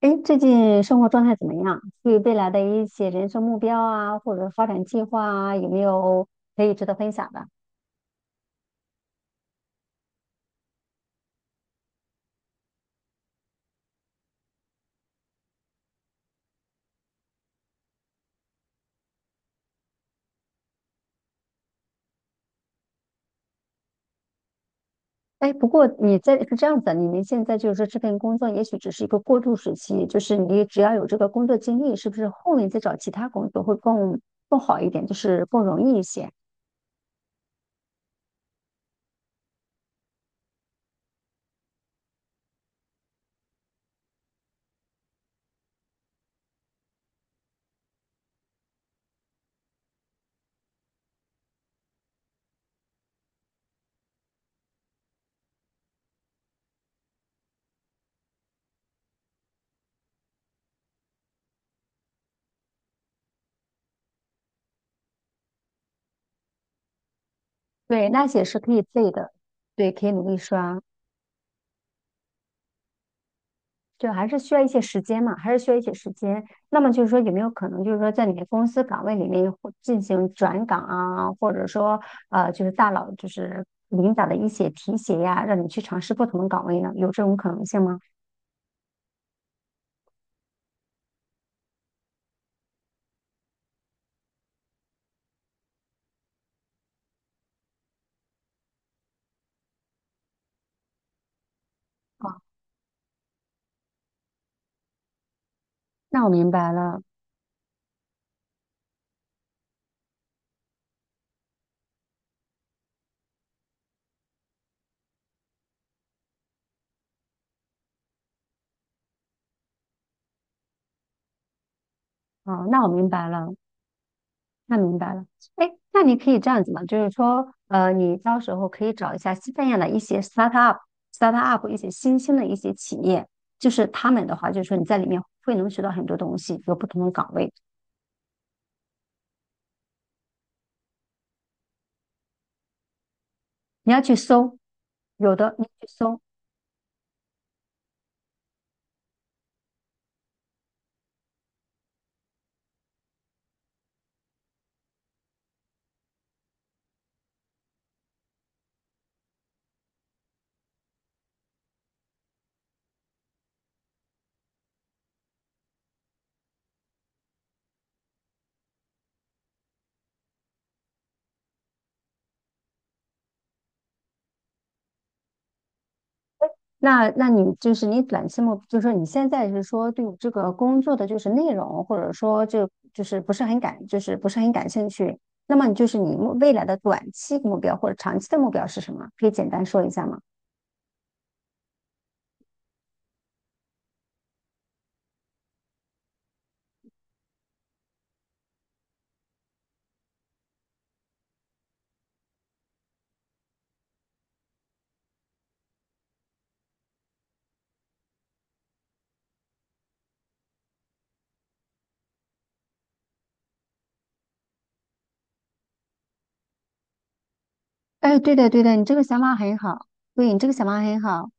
哎，最近生活状态怎么样？对于未来的一些人生目标啊，或者发展计划啊，有没有可以值得分享的？哎，不过你在是这样子的，你们现在就是说这份工作也许只是一个过渡时期，就是你只要有这个工作经历，是不是后面再找其他工作会更好一点，就是更容易一些？对，那些是可以背的。对，可以努力刷。就还是需要一些时间嘛，还是需要一些时间。那么就是说，有没有可能就是说，在你的公司岗位里面或进行转岗啊，或者说就是大佬就是领导的一些提携呀，让你去尝试不同的岗位呢？有这种可能性吗？啊，那我明白了。啊，那我明白了。那明白了。哎，那你可以这样子嘛，就是说，你到时候可以找一下西班牙的一些 startup 一些新兴的一些企业，就是他们的话，就是说你在里面会能学到很多东西，有不同的岗位。你要去搜，有的你去搜。那你就是你短期目，就是说你现在是说对这个工作的就是内容，或者说就就是不是很感，就是不是很感兴趣。那么你就是你未来的短期目标或者长期的目标是什么？可以简单说一下吗？哎，对的，对的，你这个想法很好。对，你这个想法很好。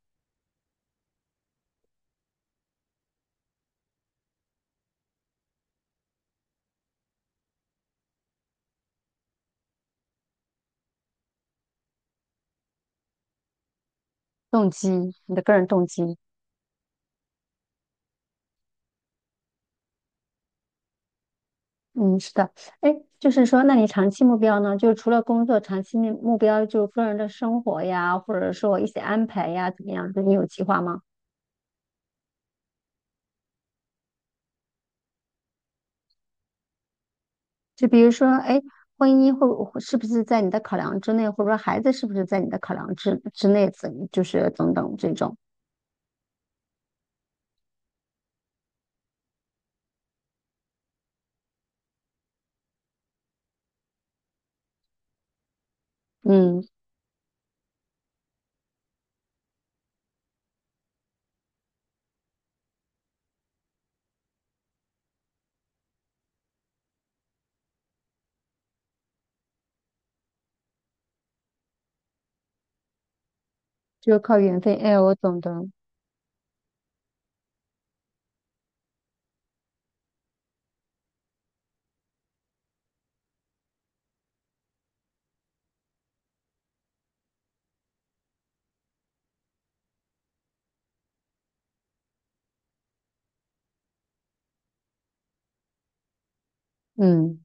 动机，你的个人动机。嗯，是的。哎，就是说，那你长期目标呢？就是除了工作，长期目标就是个人的生活呀，或者说一些安排呀，怎么样？就你有计划吗？就比如说，哎，婚姻会是不是在你的考量之内，或者说孩子是不是在你的考量之内，就是等等这种。嗯，就是靠缘分，哎，我懂的。嗯。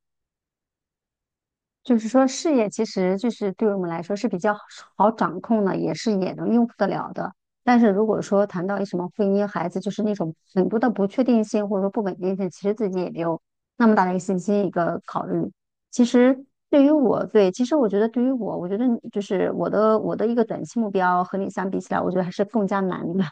就是说，事业其实就是对我们来说是比较好掌控的，也是也能应付得了的。但是如果说谈到什么婚姻、孩子，就是那种很多的不确定性或者说不稳定性，其实自己也没有那么大的一个信心一个考虑。其实对于我，对，其实我觉得对于我，我觉得就是我的一个短期目标和你相比起来，我觉得还是更加难的。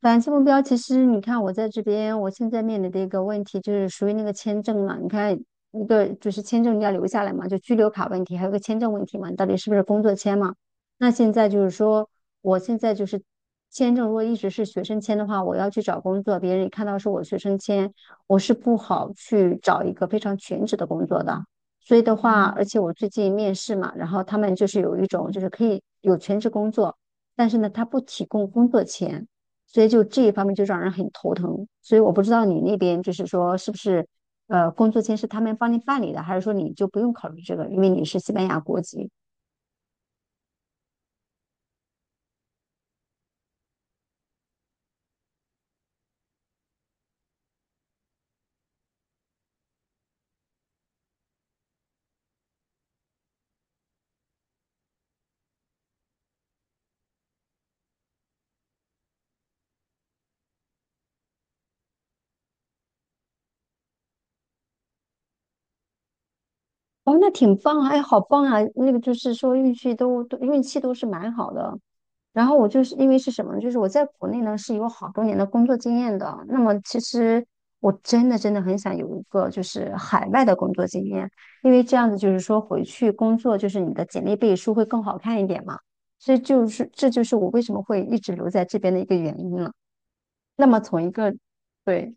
短期目标其实，你看我在这边，我现在面临的一个问题就是属于那个签证嘛。你看，一个就是签证你要留下来嘛，就居留卡问题，还有个签证问题嘛，你到底是不是工作签嘛？那现在就是说，我现在就是签证，如果一直是学生签的话，我要去找工作，别人一看到是我学生签，我是不好去找一个非常全职的工作的。所以的话，而且我最近面试嘛，然后他们就是有一种就是可以有全职工作，但是呢，他不提供工作签。所以就这一方面就让人很头疼。所以我不知道你那边就是说是不是工作签是他们帮你办理的，还是说你就不用考虑这个，因为你是西班牙国籍。哦，那挺棒啊！哎，好棒啊！那个就是说运气都是蛮好的。然后我就是因为是什么呢，就是我在国内呢是有好多年的工作经验的。那么其实我真的真的很想有一个就是海外的工作经验，因为这样子就是说回去工作就是你的简历背书会更好看一点嘛。所以就是这就是我为什么会一直留在这边的一个原因了。那么从一个对。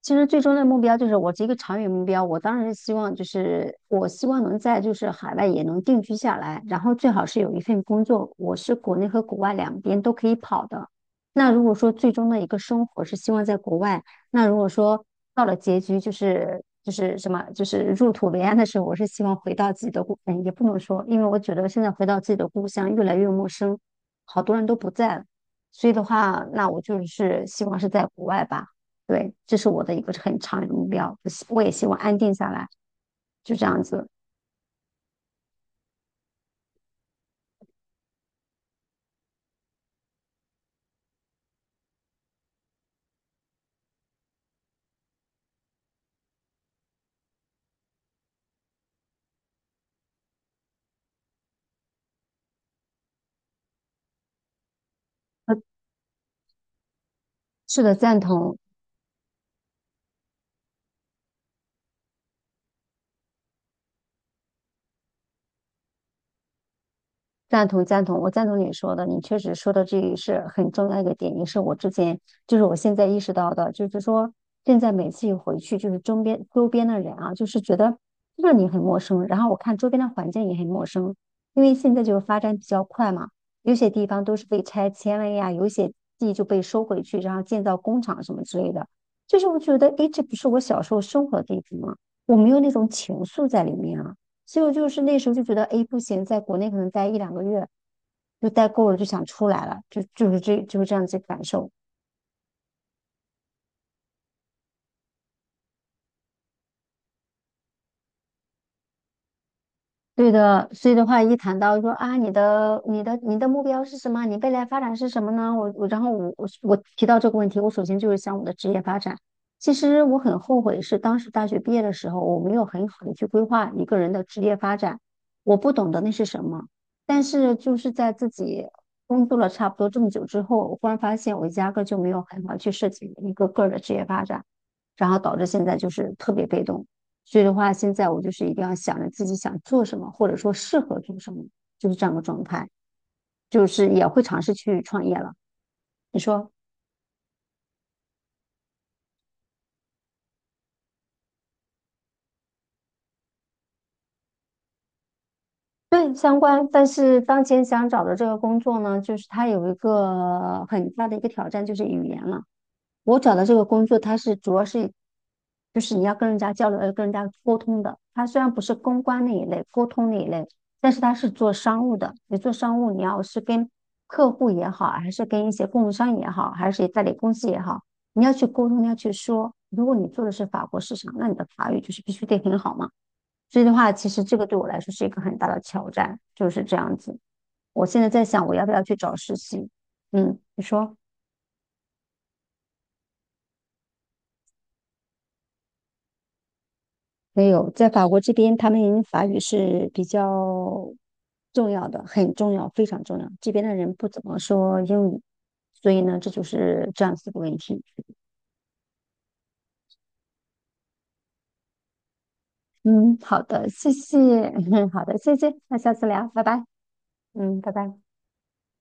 其实最终的目标就是我是一个长远目标，我当然是希望就是我希望能在就是海外也能定居下来，然后最好是有一份工作，我是国内和国外两边都可以跑的。那如果说最终的一个生活是希望在国外，那如果说到了结局就是就是什么就是入土为安的时候，我是希望回到自己的故，嗯，也不能说，因为我觉得现在回到自己的故乡越来越陌生，好多人都不在了，所以的话，那我就是希望是在国外吧。对，这是我的一个很长远的目标，我也希望安定下来，就这样子。呃，是的，赞同。赞同赞同，我赞同你说的，你确实说的这个是很重要一个点，也是我之前就是我现在意识到的，就是说现在每次一回去，就是周边的人啊，就是觉得让你很陌生，然后我看周边的环境也很陌生，因为现在就是发展比较快嘛，有些地方都是被拆迁了呀，有些地就被收回去，然后建造工厂什么之类的，就是我觉得，诶，这不是我小时候生活的地方吗？我没有那种情愫在里面啊。所以我就是那时候就觉得，哎，不行，在国内可能待一两个月就待够了，就想出来了，就就是这就是这样子感受。对的，所以的话，一谈到说啊，你的目标是什么？你未来发展是什么呢？然后我提到这个问题，我首先就是想我的职业发展。其实我很后悔，是当时大学毕业的时候，我没有很好的去规划一个人的职业发展，我不懂得那是什么。但是就是在自己工作了差不多这么久之后，我忽然发现我压根儿就没有很好地去设计一个个人的职业发展，然后导致现在就是特别被动。所以的话，现在我就是一定要想着自己想做什么，或者说适合做什么，就是这样的状态。就是也会尝试去创业了。你说对相关，但是当前想找的这个工作呢，就是它有一个很大的一个挑战，就是语言了。我找的这个工作，它是主要是，就是你要跟人家交流，要跟人家沟通的。它虽然不是公关那一类，沟通那一类，但是它是做商务的。你做商务，你要是跟客户也好，还是跟一些供应商也好，还是代理公司也好，你要去沟通，你要去说。如果你做的是法国市场，那你的法语就是必须得很好嘛。所以的话，其实这个对我来说是一个很大的挑战，就是这样子。我现在在想，我要不要去找实习？嗯，你说。没有，在法国这边，他们法语是比较重要的，很重要，非常重要。这边的人不怎么说英语，所以呢，这就是这样子的问题。嗯，好的，谢谢，好的，谢谢，那下次聊，拜拜。嗯，拜拜。